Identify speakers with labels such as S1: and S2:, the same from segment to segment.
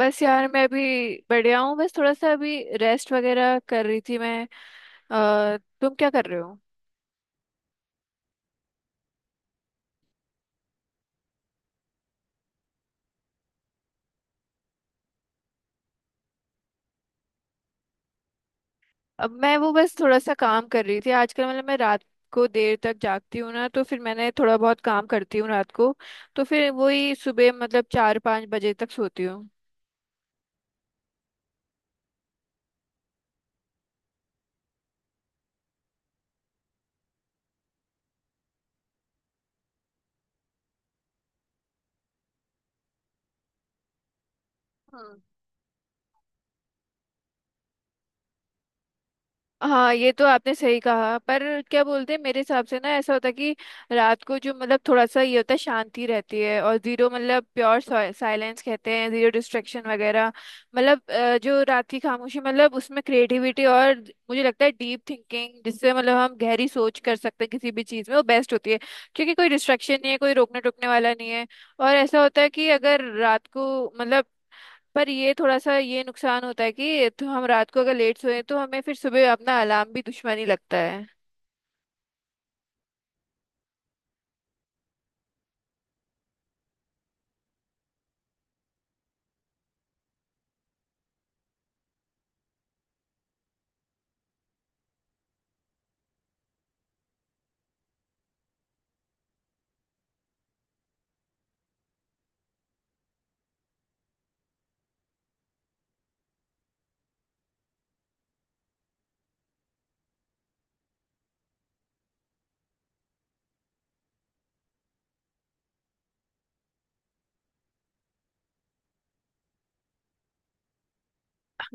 S1: बस यार मैं अभी बढ़िया हूँ। बस थोड़ा सा अभी रेस्ट वगैरह कर रही थी मैं। तुम क्या कर रहे हो? अब मैं वो बस थोड़ा सा काम कर रही थी आजकल। मतलब मैं रात को देर तक जागती हूँ ना, तो फिर मैंने थोड़ा बहुत काम करती हूँ रात को। तो फिर वही सुबह मतलब चार पाँच बजे तक सोती हूँ। हाँ, ये तो आपने सही कहा। पर क्या बोलते हैं, मेरे हिसाब से ना ऐसा होता है कि रात को जो मतलब थोड़ा सा ये होता है, शांति रहती है। और जीरो मतलब प्योर साइलेंस कहते हैं, जीरो डिस्ट्रैक्शन वगैरह। मतलब जो रात की खामोशी, मतलब उसमें क्रिएटिविटी और मुझे लगता है डीप थिंकिंग, जिससे मतलब हम गहरी सोच कर सकते हैं किसी भी चीज़ में, वो बेस्ट होती है। क्योंकि कोई डिस्ट्रैक्शन नहीं है, कोई रोकने टोकने वाला नहीं है। और ऐसा होता है कि अगर रात को मतलब, पर ये थोड़ा सा ये नुकसान होता है कि तो हम रात को अगर लेट सोए तो हमें फिर सुबह अपना अलार्म भी दुश्मनी लगता है।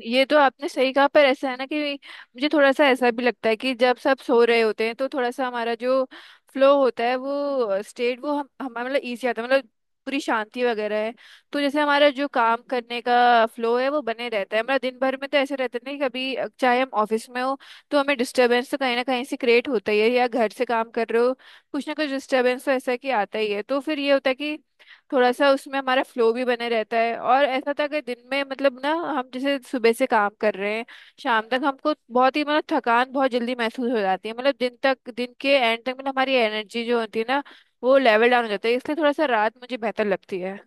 S1: ये तो आपने सही कहा। पर ऐसा है ना कि मुझे थोड़ा सा ऐसा भी लगता है कि जब सब सो रहे होते हैं तो थोड़ा सा हमारा जो फ्लो होता है, वो स्टेट, वो हम हमारा मतलब ईजी आता है। मतलब पूरी शांति वगैरह है। तो जैसे हमारा जो काम करने का फ्लो है वो बने रहता है, हमारा दिन भर में तो ऐसे रहता नहीं। कभी चाहे हम ऑफिस में हो तो हमें डिस्टरबेंस तो कहीं ना कहीं से क्रिएट होता ही है, या घर से काम कर रहे हो कुछ ना कुछ डिस्टरबेंस तो ऐसा कि आता ही है। तो फिर ये होता है कि थोड़ा सा उसमें हमारा फ्लो भी बने रहता है। और ऐसा था कि दिन में मतलब ना हम जैसे सुबह से काम कर रहे हैं शाम तक, हमको बहुत ही मतलब थकान बहुत जल्दी महसूस हो जाती है। मतलब दिन के एंड तक मतलब हमारी एनर्जी जो होती है ना, वो लेवल डाउन हो जाता है। इसलिए थोड़ा सा रात मुझे बेहतर लगती है।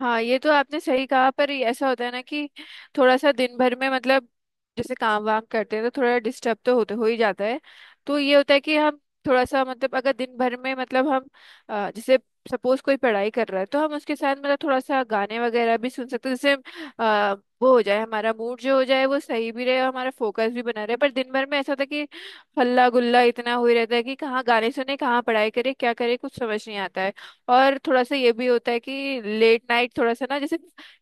S1: हाँ, ये तो आपने सही कहा। पर ये ऐसा होता है ना कि थोड़ा सा दिन भर में मतलब जैसे काम वाम करते हैं तो थोड़ा डिस्टर्ब तो होते हो ही जाता है। तो ये होता है कि हम थोड़ा सा मतलब अगर दिन भर में मतलब हम जैसे सपोज कोई पढ़ाई कर रहा है तो हम उसके साथ मतलब थोड़ा सा गाने वगैरह भी सुन सकते हैं, जिससे अ, वो हो जाए हमारा मूड जो हो जाए वो सही भी रहे और हमारा फोकस भी बना रहे। पर दिन भर में ऐसा होता है कि हल्ला गुल्ला इतना हुई रहता है कि कहाँ गाने सुने, कहाँ पढ़ाई करे, क्या करे, कुछ समझ नहीं आता है। और थोड़ा सा ये भी होता है कि लेट नाइट थोड़ा सा ना जैसे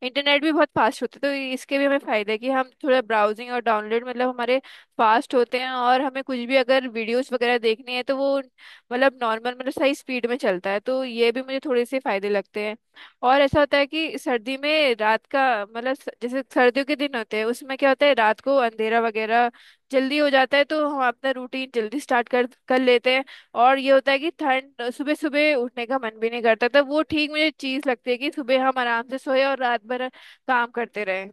S1: इंटरनेट भी बहुत फास्ट होता है, तो इसके भी हमें फायदा है कि हम थोड़ा ब्राउजिंग और डाउनलोड मतलब हमारे फास्ट होते हैं, और हमें कुछ भी अगर वीडियोस वगैरह देखनी है तो वो मतलब नॉर्मल मतलब सही स्पीड में चलता है। तो ये भी मुझे थोड़े से फायदे लगते हैं। और ऐसा होता है कि सर्दी में रात का मतलब जैसे सर्दियों के दिन होते हैं उसमें क्या होता है रात को अंधेरा वगैरह जल्दी हो जाता है। तो हम अपना रूटीन जल्दी स्टार्ट कर कर लेते हैं। और ये होता है कि ठंड सुबह सुबह उठने का मन भी नहीं करता। तो वो ठीक मुझे चीज लगती है कि सुबह हम आराम से सोए और रात भर काम करते रहे।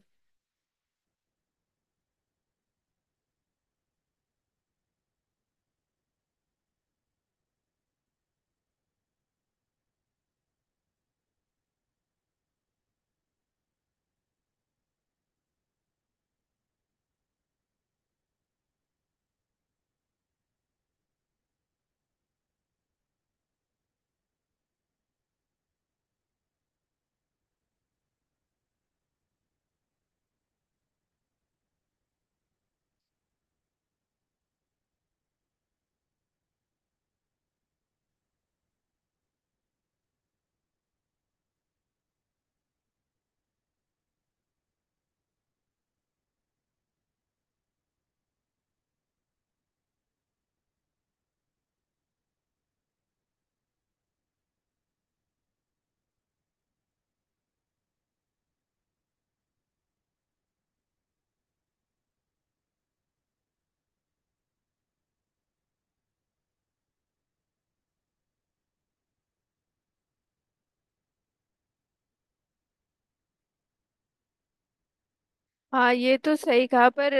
S1: हाँ, ये तो सही कहा। पर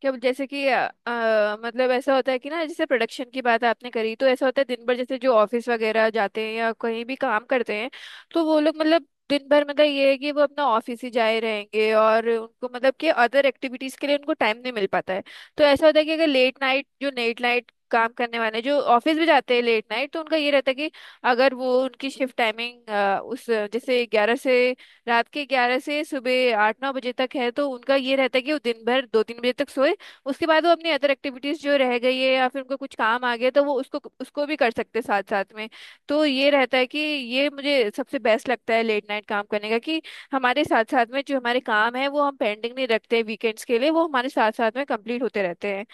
S1: क्या जैसे कि मतलब ऐसा होता है कि ना जैसे प्रोडक्शन की बात आपने करी, तो ऐसा होता है दिन भर, जैसे जो ऑफिस वगैरह जाते हैं या कहीं भी काम करते हैं, तो वो लोग मतलब दिन भर मतलब ये है कि वो अपना ऑफिस ही जाए रहेंगे और उनको मतलब कि अदर एक्टिविटीज के लिए उनको टाइम नहीं मिल पाता है। तो ऐसा होता है कि अगर लेट नाइट जो लेट नाइट काम करने वाले जो ऑफिस भी जाते हैं लेट नाइट, तो उनका ये रहता है कि अगर वो उनकी शिफ्ट टाइमिंग, उस जैसे ग्यारह से रात के 11 से सुबह आठ नौ बजे तक है, तो उनका ये रहता है कि वो दिन भर दो तीन बजे तक सोए। उसके बाद वो अपनी अदर एक्टिविटीज जो रह गई है या फिर उनको कुछ काम आ गया तो वो उसको उसको भी कर सकते हैं साथ साथ में। तो ये रहता है कि ये मुझे सबसे बेस्ट लगता है लेट नाइट काम करने का, कि हमारे साथ साथ में जो हमारे काम है वो हम पेंडिंग नहीं रखते वीकेंड्स के लिए, वो हमारे साथ साथ में कंप्लीट होते रहते हैं।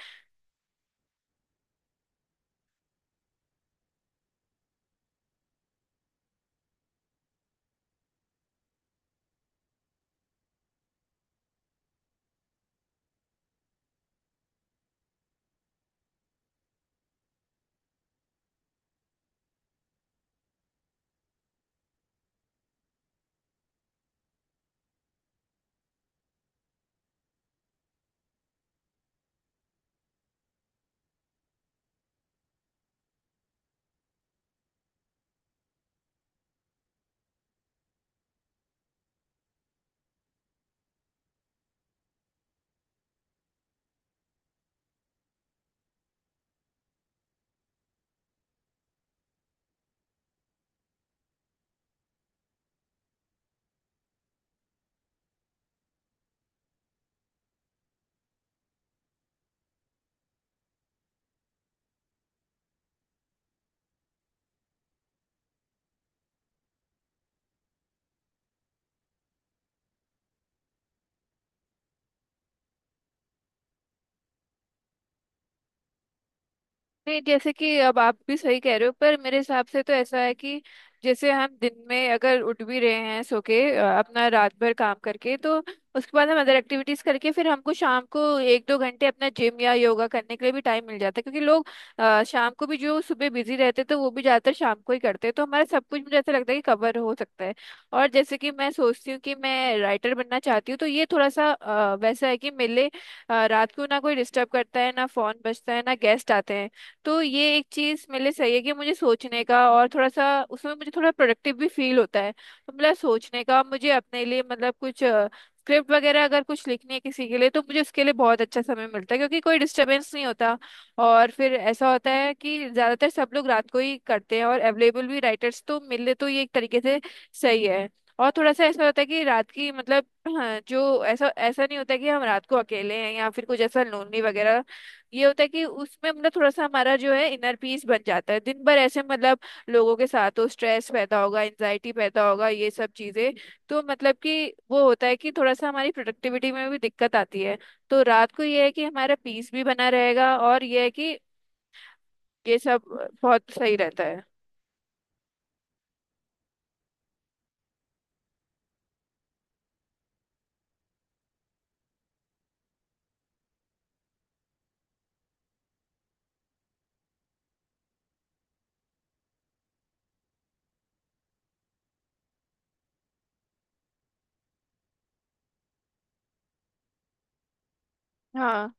S1: नहीं, जैसे कि अब आप भी सही कह रहे हो। पर मेरे हिसाब से तो ऐसा है कि जैसे हम दिन में अगर उठ भी रहे हैं सो के अपना रात भर काम करके, तो उसके बाद हम अदर एक्टिविटीज करके फिर हमको शाम को एक दो घंटे अपना जिम या योगा करने के लिए भी टाइम मिल जाता है, क्योंकि लोग शाम को भी जो सुबह बिजी रहते थे वो भी ज्यादातर शाम को ही करते हैं। तो हमारा सब कुछ मुझे ऐसा लगता है कि कवर हो सकता है। और जैसे कि मैं सोचती हूँ कि मैं राइटर बनना चाहती हूँ, तो ये थोड़ा सा वैसा है कि मेरे लिए रात को ना कोई डिस्टर्ब करता है, ना फोन बजता है, ना गेस्ट आते हैं। तो ये एक चीज मेरे लिए सही है कि मुझे सोचने का, और थोड़ा सा उसमें मुझे थोड़ा प्रोडक्टिव भी फील होता है। तो मतलब सोचने का मुझे अपने लिए मतलब कुछ स्क्रिप्ट वगैरह अगर कुछ लिखनी है किसी के लिए, तो मुझे उसके लिए बहुत अच्छा समय मिलता है, क्योंकि कोई डिस्टरबेंस नहीं होता। और फिर ऐसा होता है कि ज्यादातर सब लोग रात को ही करते हैं और अवेलेबल भी राइटर्स तो मिले, तो ये एक तरीके से सही है। और थोड़ा सा ऐसा होता है कि रात की मतलब, हाँ, जो ऐसा ऐसा नहीं होता कि हम रात को अकेले हैं या फिर कुछ ऐसा लोनली वगैरह। ये होता है कि उसमें मतलब थोड़ा सा हमारा जो है इनर पीस बन जाता है। दिन भर ऐसे मतलब लोगों के साथ तो स्ट्रेस पैदा होगा, एंजाइटी पैदा होगा, ये सब चीजें। तो मतलब कि वो होता है कि थोड़ा सा हमारी प्रोडक्टिविटी में भी दिक्कत आती है। तो रात को ये है कि हमारा पीस भी बना रहेगा, और ये है कि ये सब बहुत सही रहता है। हाँ।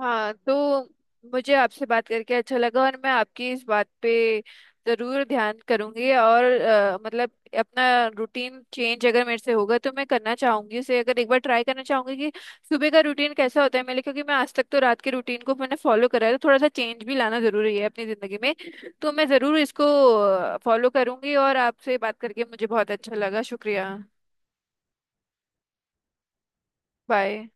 S1: हाँ, तो मुझे आपसे बात करके अच्छा लगा। और मैं आपकी इस बात पे जरूर ध्यान करूंगी, और मतलब अपना रूटीन चेंज अगर मेरे से होगा तो मैं करना चाहूंगी, उसे अगर एक बार ट्राई करना चाहूंगी कि सुबह का रूटीन कैसा होता है मेरे, क्योंकि मैं आज तक तो रात के रूटीन को मैंने फॉलो करा है। तो थोड़ा सा चेंज भी लाना जरूरी है अपनी जिंदगी में। तो मैं जरूर इसको फॉलो करूंगी, और आपसे बात करके मुझे बहुत अच्छा लगा। शुक्रिया। बाय।